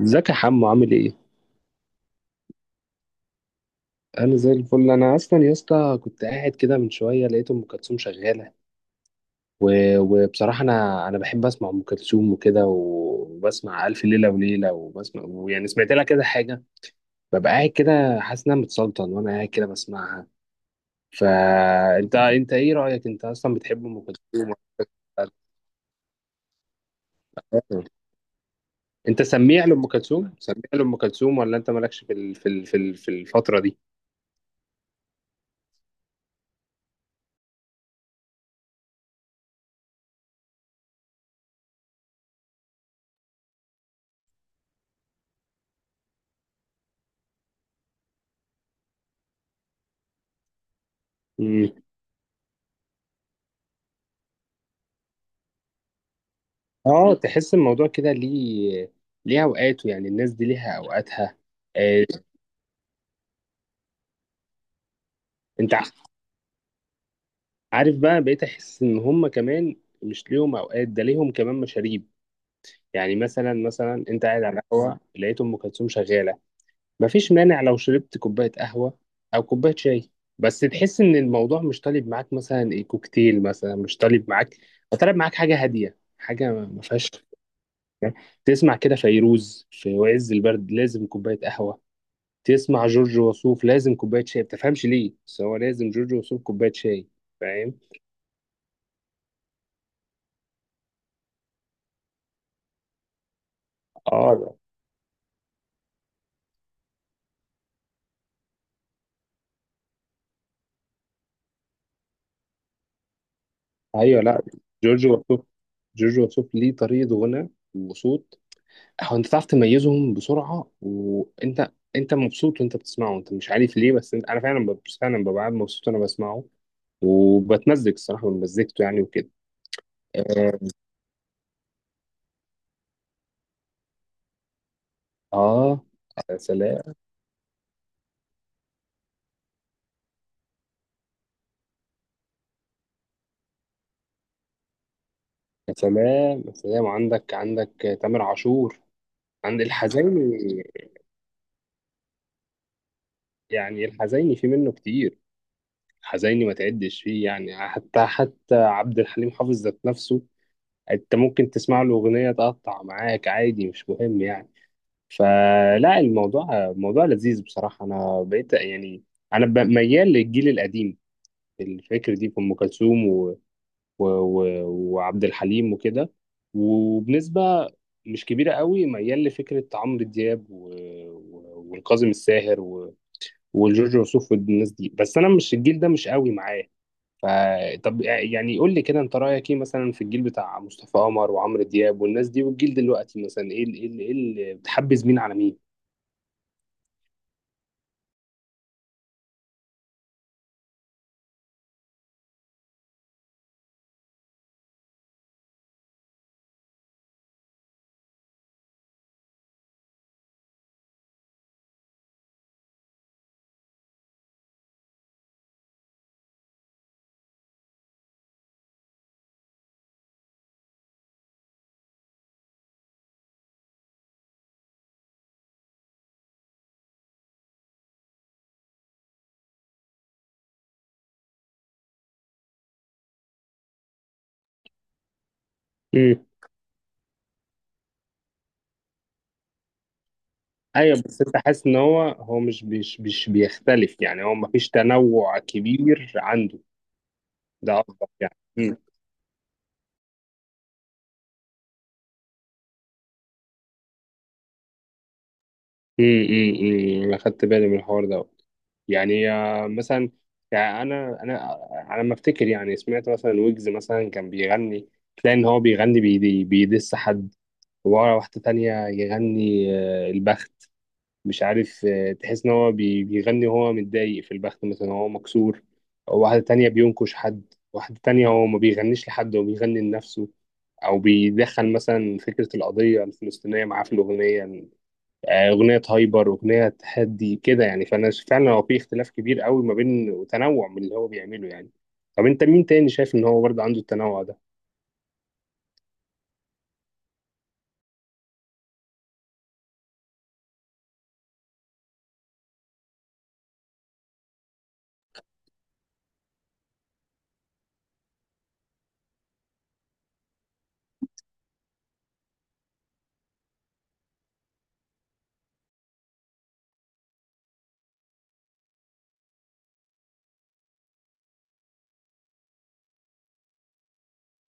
ازيك يا حمو، عامل ايه؟ انا زي الفل. انا اصلا يا اسطى كنت قاعد كده من شويه لقيت ام كلثوم شغاله و... وبصراحه انا بحب اسمع ام كلثوم وكده، وبسمع الف ليله وليله، وبسمع، ويعني سمعت لها كذا حاجه. ببقى قاعد كده حاسس ان انا متسلطن وانا قاعد كده بسمعها. فانت، ايه رايك؟ انت اصلا بتحب ام كلثوم؟ ولا- انت سميع لام كلثوم، سميع لام كلثوم، ولا انت مالكش في الفتره دي؟ اه، تحس الموضوع كده ليه؟ ليه اوقاته، يعني الناس دي ليها اوقاتها. آه، انت عارف، بقى بقيت احس ان هم كمان مش ليهم اوقات، ده ليهم كمان مشاريب. يعني مثلا انت قاعد على القهوه لقيت ام كلثوم شغاله، مفيش مانع لو شربت كوبايه قهوه او كوبايه شاي. بس تحس ان الموضوع مش طالب معاك، مثلا ايه كوكتيل مثلا مش طالب معاك، طالب معاك حاجه هاديه، حاجه ما فيهاش. تسمع كده فيروز في عز البرد، لازم كوبايه قهوه. تسمع جورج وسوف، لازم كوبايه شاي. ما بتفهمش ليه، بس هو لازم جورج وسوف كوبايه شاي، فاهم. اه، لا. ايوه، لا. جورج وسوف جورج وسوف ليه طريقه غنى وصوت. هو، انت تعرف تميزهم بسرعه، وانت مبسوط وانت بتسمعه، انت مش عارف ليه، بس انا فعلا، فعلا ببقى قاعد مبسوط وانا بسمعه، وبتمزج الصراحه من مزيكته يعني وكده. اه، آه، يا سلام، يا سلام، يا سلام. عندك تامر عاشور، عند الحزيني. يعني الحزيني في منه كتير، حزيني ما تعدش فيه. يعني حتى عبد الحليم حافظ ذات نفسه، انت ممكن تسمع له اغنيه تقطع معاك عادي، مش مهم يعني. فلا، الموضوع موضوع لذيذ بصراحه، انا بقيت يعني، انا ميال للجيل القديم، الفكر دي في ام كلثوم و... و... وعبد الحليم وكده. وبنسبه مش كبيره قوي ميال لفكره عمرو دياب والكاظم الساهر وجورج وسوف والناس دي، بس انا مش الجيل ده مش قوي معاه، ف طب يعني قول لي كده، انت رايك ايه مثلا في الجيل بتاع مصطفى قمر وعمرو دياب والناس دي، والجيل دلوقتي مثلا ايه إيه اللي بتحبذ؟ مين على مين؟ امم. ايوه، بس انت حاسس ان هو مش بيختلف يعني، هو مفيش تنوع كبير عنده، ده قصدك يعني. امم، انا خدت بالي من الحوار ده. يعني مثلا، يعني انا على ما افتكر، يعني سمعت مثلا ويجز مثلا كان بيغني، تلاقي ان هو بيغني بيدي بيدس حد، وورا واحده تانية يغني البخت، مش عارف، تحس ان هو بيغني وهو متضايق في البخت، مثلا هو مكسور. واحده تانية بينكش حد، واحده تانية هو ما بيغنيش لحد، هو بيغني لنفسه، او بيدخل مثلا فكره القضيه الفلسطينيه معاه في الاغنيه. اغنيه هايبر، واغنيه تحدي كده، يعني فانا فعلا، هو في اختلاف كبير قوي ما بين وتنوع من اللي هو بيعمله يعني. طب انت مين تاني شايف ان هو برضه عنده التنوع ده؟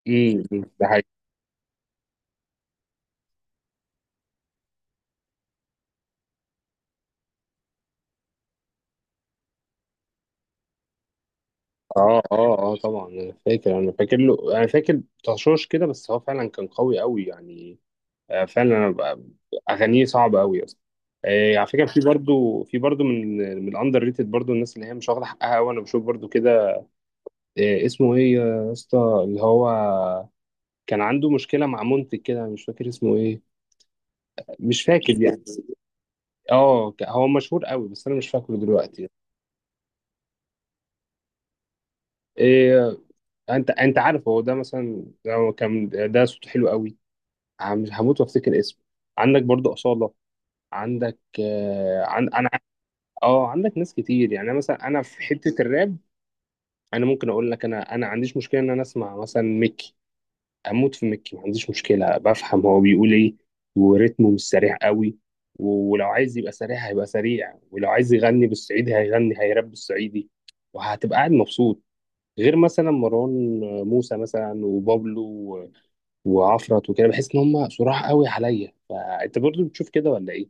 امم. ده حقيقي. اه، اه، اه، طبعا. انا فاكر له، انا فاكر تشوش كده، بس هو فعلا كان قوي قوي يعني. فعلا، اغانيه صعبه قوي اصلا. على فكره، في برضه، من من الاندر ريتد، برضه الناس اللي هي مش واخده حقها قوي، انا بشوف برضه كده. اسمه ايه يا اسطى، اللي هو كان عنده مشكلة مع منتج كده، مش فاكر اسمه ايه، مش فاكر يعني. اه، هو مشهور قوي، بس انا مش فاكره دلوقتي. إيه، انت عارف هو ده مثلا، هو كان ده صوته حلو قوي. هموت وافتكر اسمه. عندك برضو أصالة، عندك عن انا. اه، عندك ناس كتير يعني. أنا مثلا في حتة الراب، انا ممكن اقول لك، انا عنديش مشكلة ان انا اسمع مثلا ميكي. اموت في مكي، ما عنديش مشكله، بفهم هو بيقول ايه وريتمه مش سريع قوي، ولو عايز يبقى سريع هيبقى سريع، ولو عايز يغني بالصعيدي هيغني، هيراب بالصعيدي، وهتبقى قاعد مبسوط. غير مثلا مروان موسى مثلا، وبابلو وعفرت وكده، بحس ان هم صراحة قوي عليا. فانت برضو بتشوف كده ولا ايه؟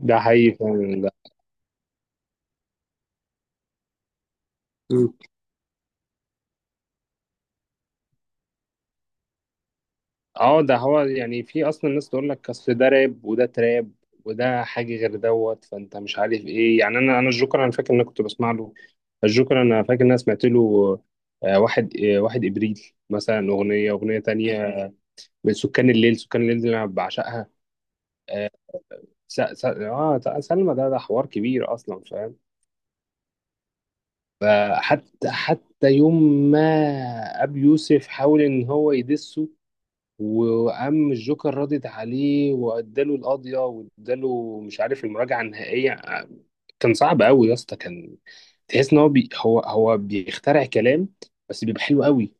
ده حقيقي فعلا. ده اه ده هو يعني، في اصلا ناس تقول لك اصل ده راب وده تراب وده حاجه غير دوت، فانت مش عارف ايه يعني. انا، الجوكر، انا فاكر ان انا كنت بسمع له. الجوكر، انا فاكر ان انا سمعت له واحد، واحد ابريل مثلا، اغنيه تانية، من سكان الليل. سكان الليل دي انا بعشقها. اه، سلمى ده حوار كبير اصلا، فاهم. حتى يوم ما ابي يوسف حاول ان هو يدسه، وقام الجوكر راضي عليه واداله القضيه واداله، مش عارف، المراجعه النهائيه. كان صعب قوي يا اسطى، كان تحس ان هو بي هو هو بيخترع كلام، بس بيبقى حلو قوي.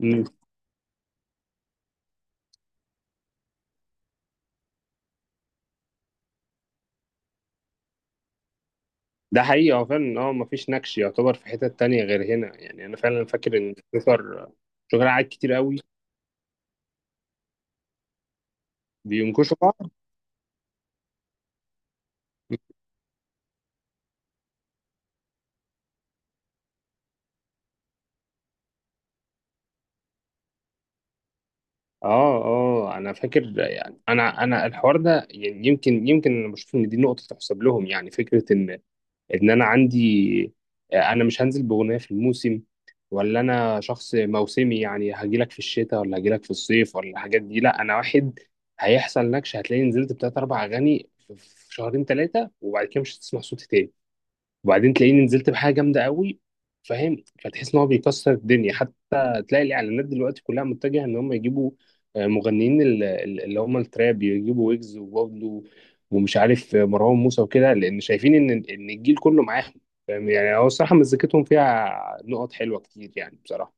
مم. ده حقيقي، هو فعلا، مفيش نكش يعتبر في حتة تانية غير هنا يعني. انا فعلا فاكر ان الجوكر، قعد كتير قوي. بينكشوا بعض. اه، اه، انا فاكر يعني، انا الحوار ده، يعني يمكن انا بشوف ان دي نقطة تحسب لهم. يعني فكرة ان، انا عندي انا مش هنزل باغنيه في الموسم، ولا انا شخص موسمي، يعني هجيلك في الشتاء، ولا هجيلك في الصيف، ولا الحاجات دي. لا، انا واحد هيحصل نكش هتلاقي نزلت بتلات اربع اغاني في شهرين ثلاثه، وبعد كده مش هتسمع صوتي تاني، وبعدين تلاقيني نزلت بحاجه جامده قوي، فاهم. فتحس ان هو بيكسر الدنيا، حتى تلاقي الاعلانات دلوقتي كلها متجهه ان هم يجيبوا مغنيين اللي هم التراب، يجيبوا ويجز وبابلو، ومش عارف، مروان موسى وكده، لان شايفين ان الجيل كله معاهم، فاهم. يعني هو الصراحه مزيكتهم فيها نقط حلوه كتير يعني، بصراحه.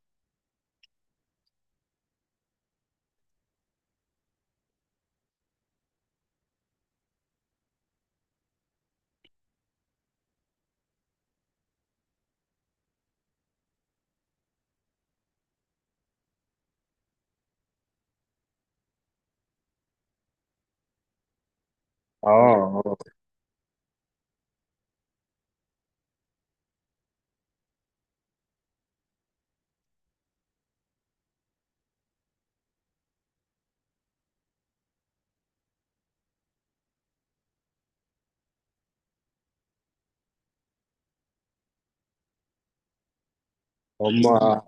اه، آه. هم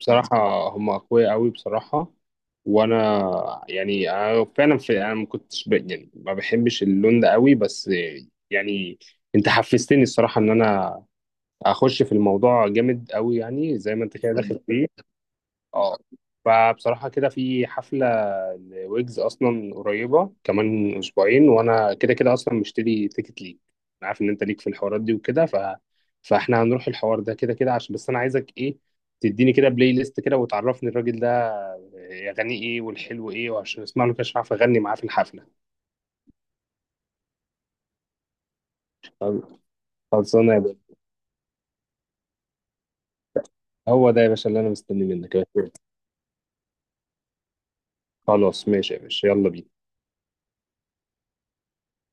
بصراحة، هم أقوياء أوي بصراحة. وأنا، يعني أنا فعلا، في، أنا ما كنتش يعني ما بحبش اللون ده أوي، بس يعني أنت حفزتني الصراحة إن أنا أخش في الموضوع جامد أوي، يعني زي ما أنت كده داخل فيه. اه، فبصراحة كده، في حفلة لويجز أصلا قريبة كمان أسبوعين، وأنا كده كده أصلا مشتري تيكت ليك. أنا عارف إن أنت ليك في الحوارات دي وكده، فإحنا هنروح الحوار ده كده كده عشان، بس أنا عايزك إيه، تديني كده بلاي ليست كده وتعرفني الراجل ده، أغانيه إيه، والحلو إيه، وعشان أسمع له كده عشان أعرف أغني معاه في الحفلة. خلصانة يا باشا. هو ده يا باشا اللي أنا مستني منك يا باشا. خلاص ماشي يا باشا، يلا بينا.